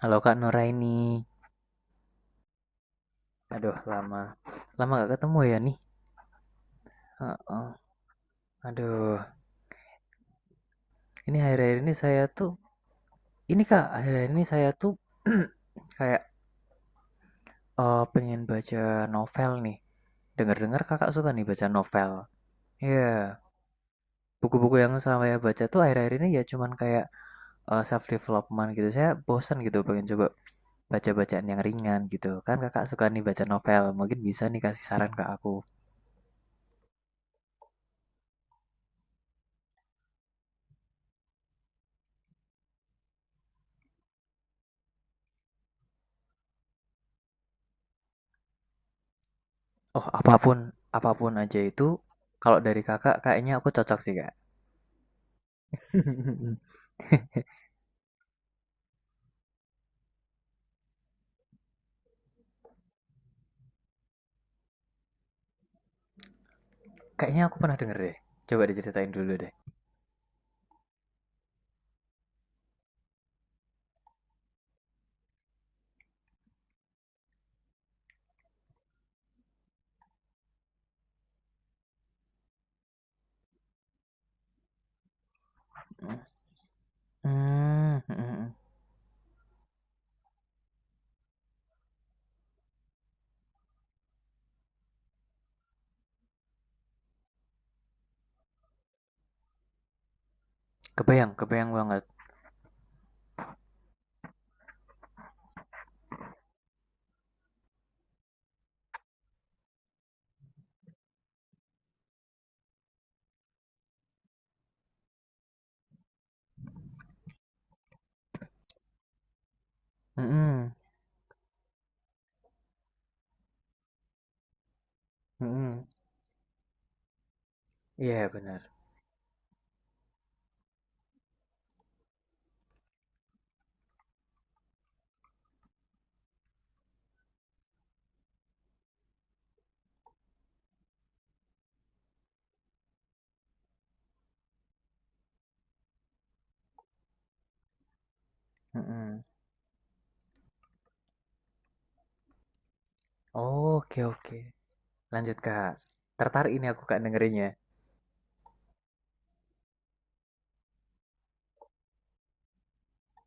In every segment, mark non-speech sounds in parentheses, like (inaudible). Halo Kak Nuraini. Aduh, lama. Lama gak ketemu ya nih. Heeh. Aduh, ini akhir-akhir ini saya tuh, ini Kak, akhir-akhir ini saya tuh (clears throat) kayak pengen baca novel nih. Dengar-dengar Kakak suka nih baca novel. Iya, buku-buku yang selama saya baca tuh akhir-akhir ini ya cuman kayak self development gitu. Saya bosan gitu pengen coba baca bacaan yang ringan gitu. Kan Kakak suka nih baca novel, mungkin bisa nih kasih saran ke aku. Oh, apapun apapun aja itu kalau dari Kakak kayaknya aku cocok sih, Kak. (laughs) Kayaknya aku pernah denger deh. Coba diceritain dulu deh. Mmm, mhm mhm. Kebayang kebayang banget. Mhm, mhm. Iya bener, mhm. Oke oke. Lanjut, Kak. Tertarik ini aku, Kak, dengerinnya.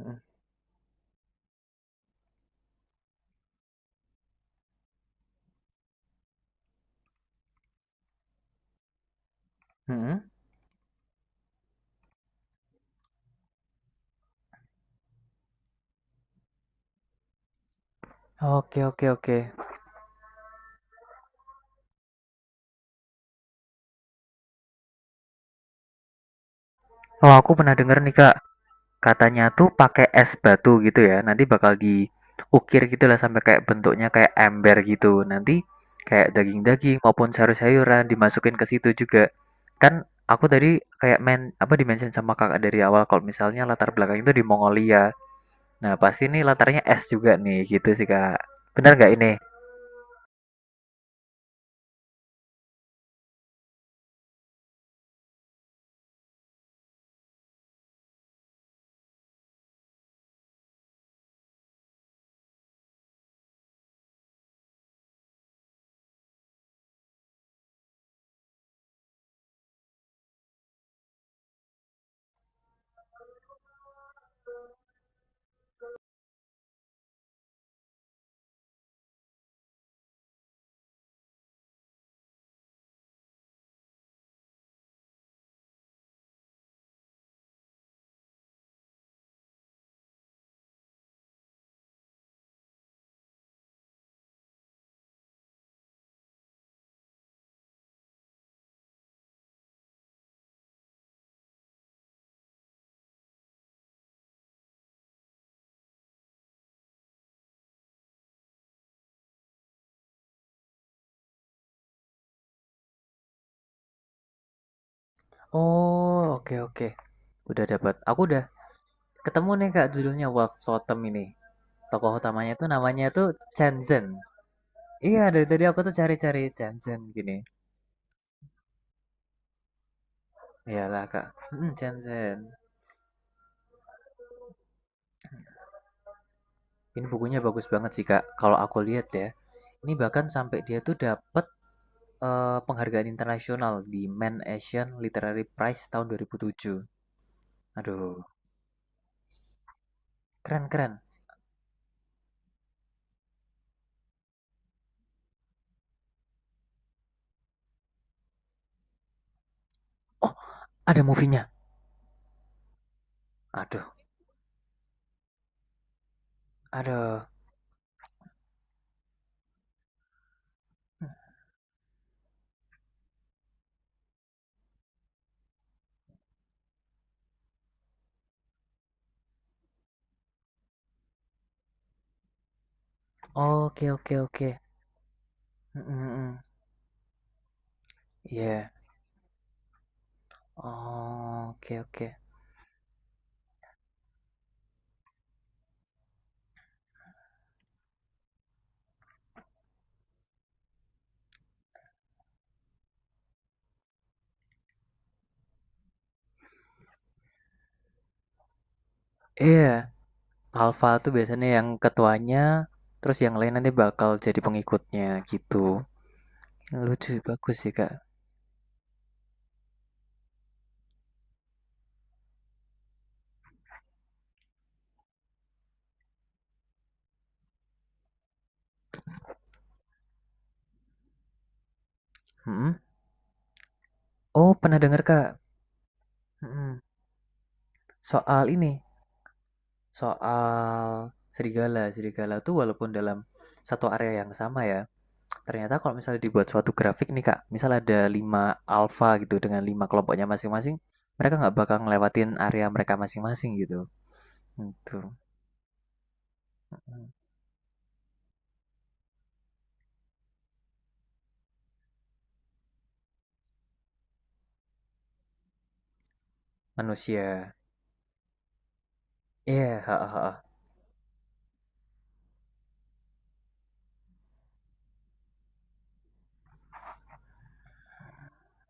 Mhm, mhm. Oke oke oke. Oh, aku pernah denger nih, Kak. Katanya tuh pakai es batu gitu ya, nanti bakal diukir gitu lah sampai kayak bentuknya kayak ember gitu, nanti kayak daging-daging maupun sayur-sayuran dimasukin ke situ juga. Kan aku tadi kayak men apa dimention sama kakak dari awal kalau misalnya latar belakang itu di Mongolia, nah pasti ini latarnya es juga nih gitu sih kak. Benar nggak ini. Oh, oke oke. Udah dapat. Aku udah ketemu nih Kak judulnya Wolf Totem ini. Tokoh utamanya tuh namanya tuh Chen Zhen. Iya, dari tadi aku tuh cari-cari Jansen gini. Iyalah, Kak. Hmm, Jansen. Ini bukunya bagus banget sih, Kak. Kalau aku lihat ya. Ini bahkan sampai dia tuh dapet penghargaan internasional di Man Asian Literary Prize tahun 2007. Aduh, keren-keren. Oh, ada movie-nya. Aduh, aduh. Oke, oke, oke. Mm, mm, mm. Iya. Oh, oke, oke. Iya, Alpha tuh biasanya yang ketuanya, terus yang lain nanti bakal jadi pengikutnya gitu. Lucu, bagus sih, Kak. Mhm. Oh, pernah dengar, Kak. Mhm. Soal ini, soal serigala. Serigala tuh walaupun dalam satu area yang sama ya, ternyata kalau misalnya dibuat suatu grafik nih, Kak, misal ada lima alfa gitu dengan 5 kelompoknya masing-masing, mereka nggak bakal ngelewatin area mereka masing-masing gitu. Itu manusia. Iya, heeh heeh.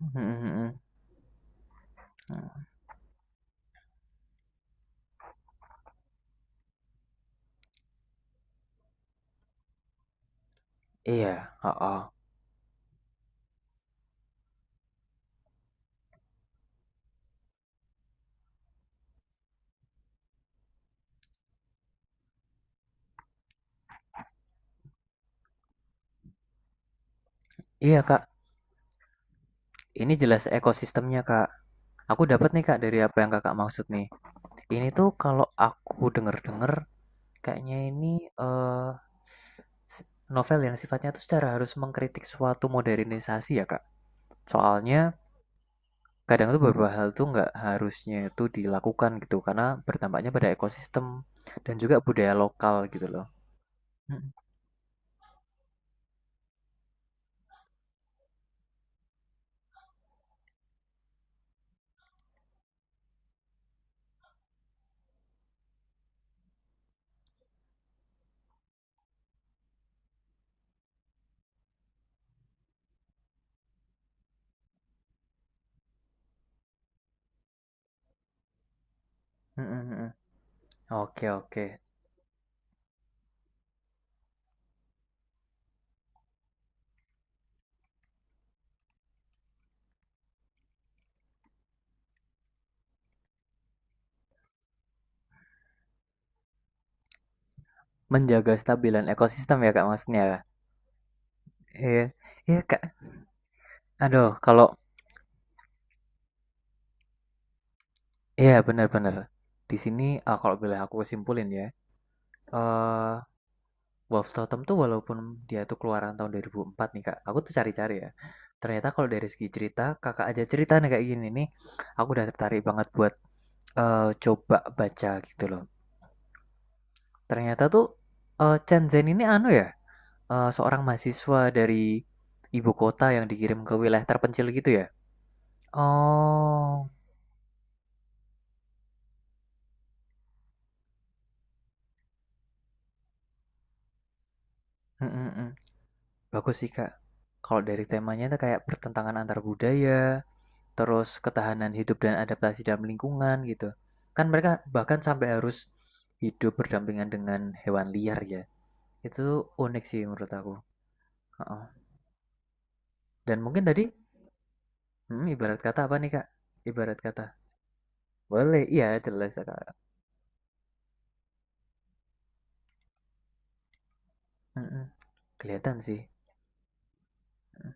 Mhm mhm. Mmm, iya, heeh. Iya, Kak. Ini jelas ekosistemnya, Kak. Aku dapat nih, Kak, dari apa yang Kakak maksud nih. Ini tuh kalau aku denger-denger kayaknya ini eh, novel yang sifatnya tuh secara harus mengkritik suatu modernisasi ya Kak. Soalnya kadang tuh beberapa hal tuh nggak harusnya itu dilakukan gitu karena bertampaknya pada ekosistem dan juga budaya lokal gitu loh. Mm, mm, mm, mm. Oke oke. Menjaga stabilan ekosistem ya Kak maksudnya. Iya, iya Kak. Aduh, kalau iya benar-benar. Di sini eh, kalau boleh aku kesimpulin ya. Eh, Wolf Totem tuh walaupun dia tuh keluaran tahun 2004 nih kak, aku tuh cari-cari ya. Ternyata kalau dari segi cerita, kakak aja cerita nih kayak gini nih, aku udah tertarik banget buat coba baca gitu loh. Ternyata tuh Chen Zhen ini anu ya, seorang mahasiswa dari ibu kota yang dikirim ke wilayah terpencil gitu ya. Oh, mm, mm, mm. Bagus sih kak. Kalau dari temanya tuh kayak pertentangan antar budaya, terus ketahanan hidup dan adaptasi dalam lingkungan gitu. Kan mereka bahkan sampai harus hidup berdampingan dengan hewan liar ya. Itu unik sih menurut aku. Heeh. Dan mungkin tadi hmm, ibarat kata apa nih Kak? Ibarat kata. Boleh, iya jelas Kak. Mm-mm. Kelihatan sih. Mm,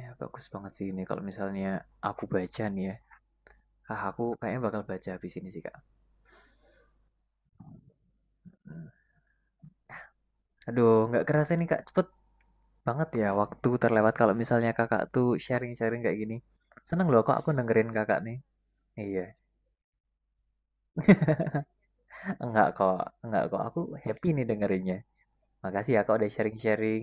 ya bagus banget sih ini kalau misalnya aku baca nih ya. Ah, aku kayaknya bakal baca habis ini sih Kak. Aduh, nggak kerasa nih Kak. Cepet banget ya waktu terlewat kalau misalnya kakak tuh sharing-sharing kayak gini. Seneng loh kok aku dengerin kakak nih. Iya, enggak kok, enggak kok. Aku happy nih dengerinnya. Makasih ya kak udah sharing-sharing.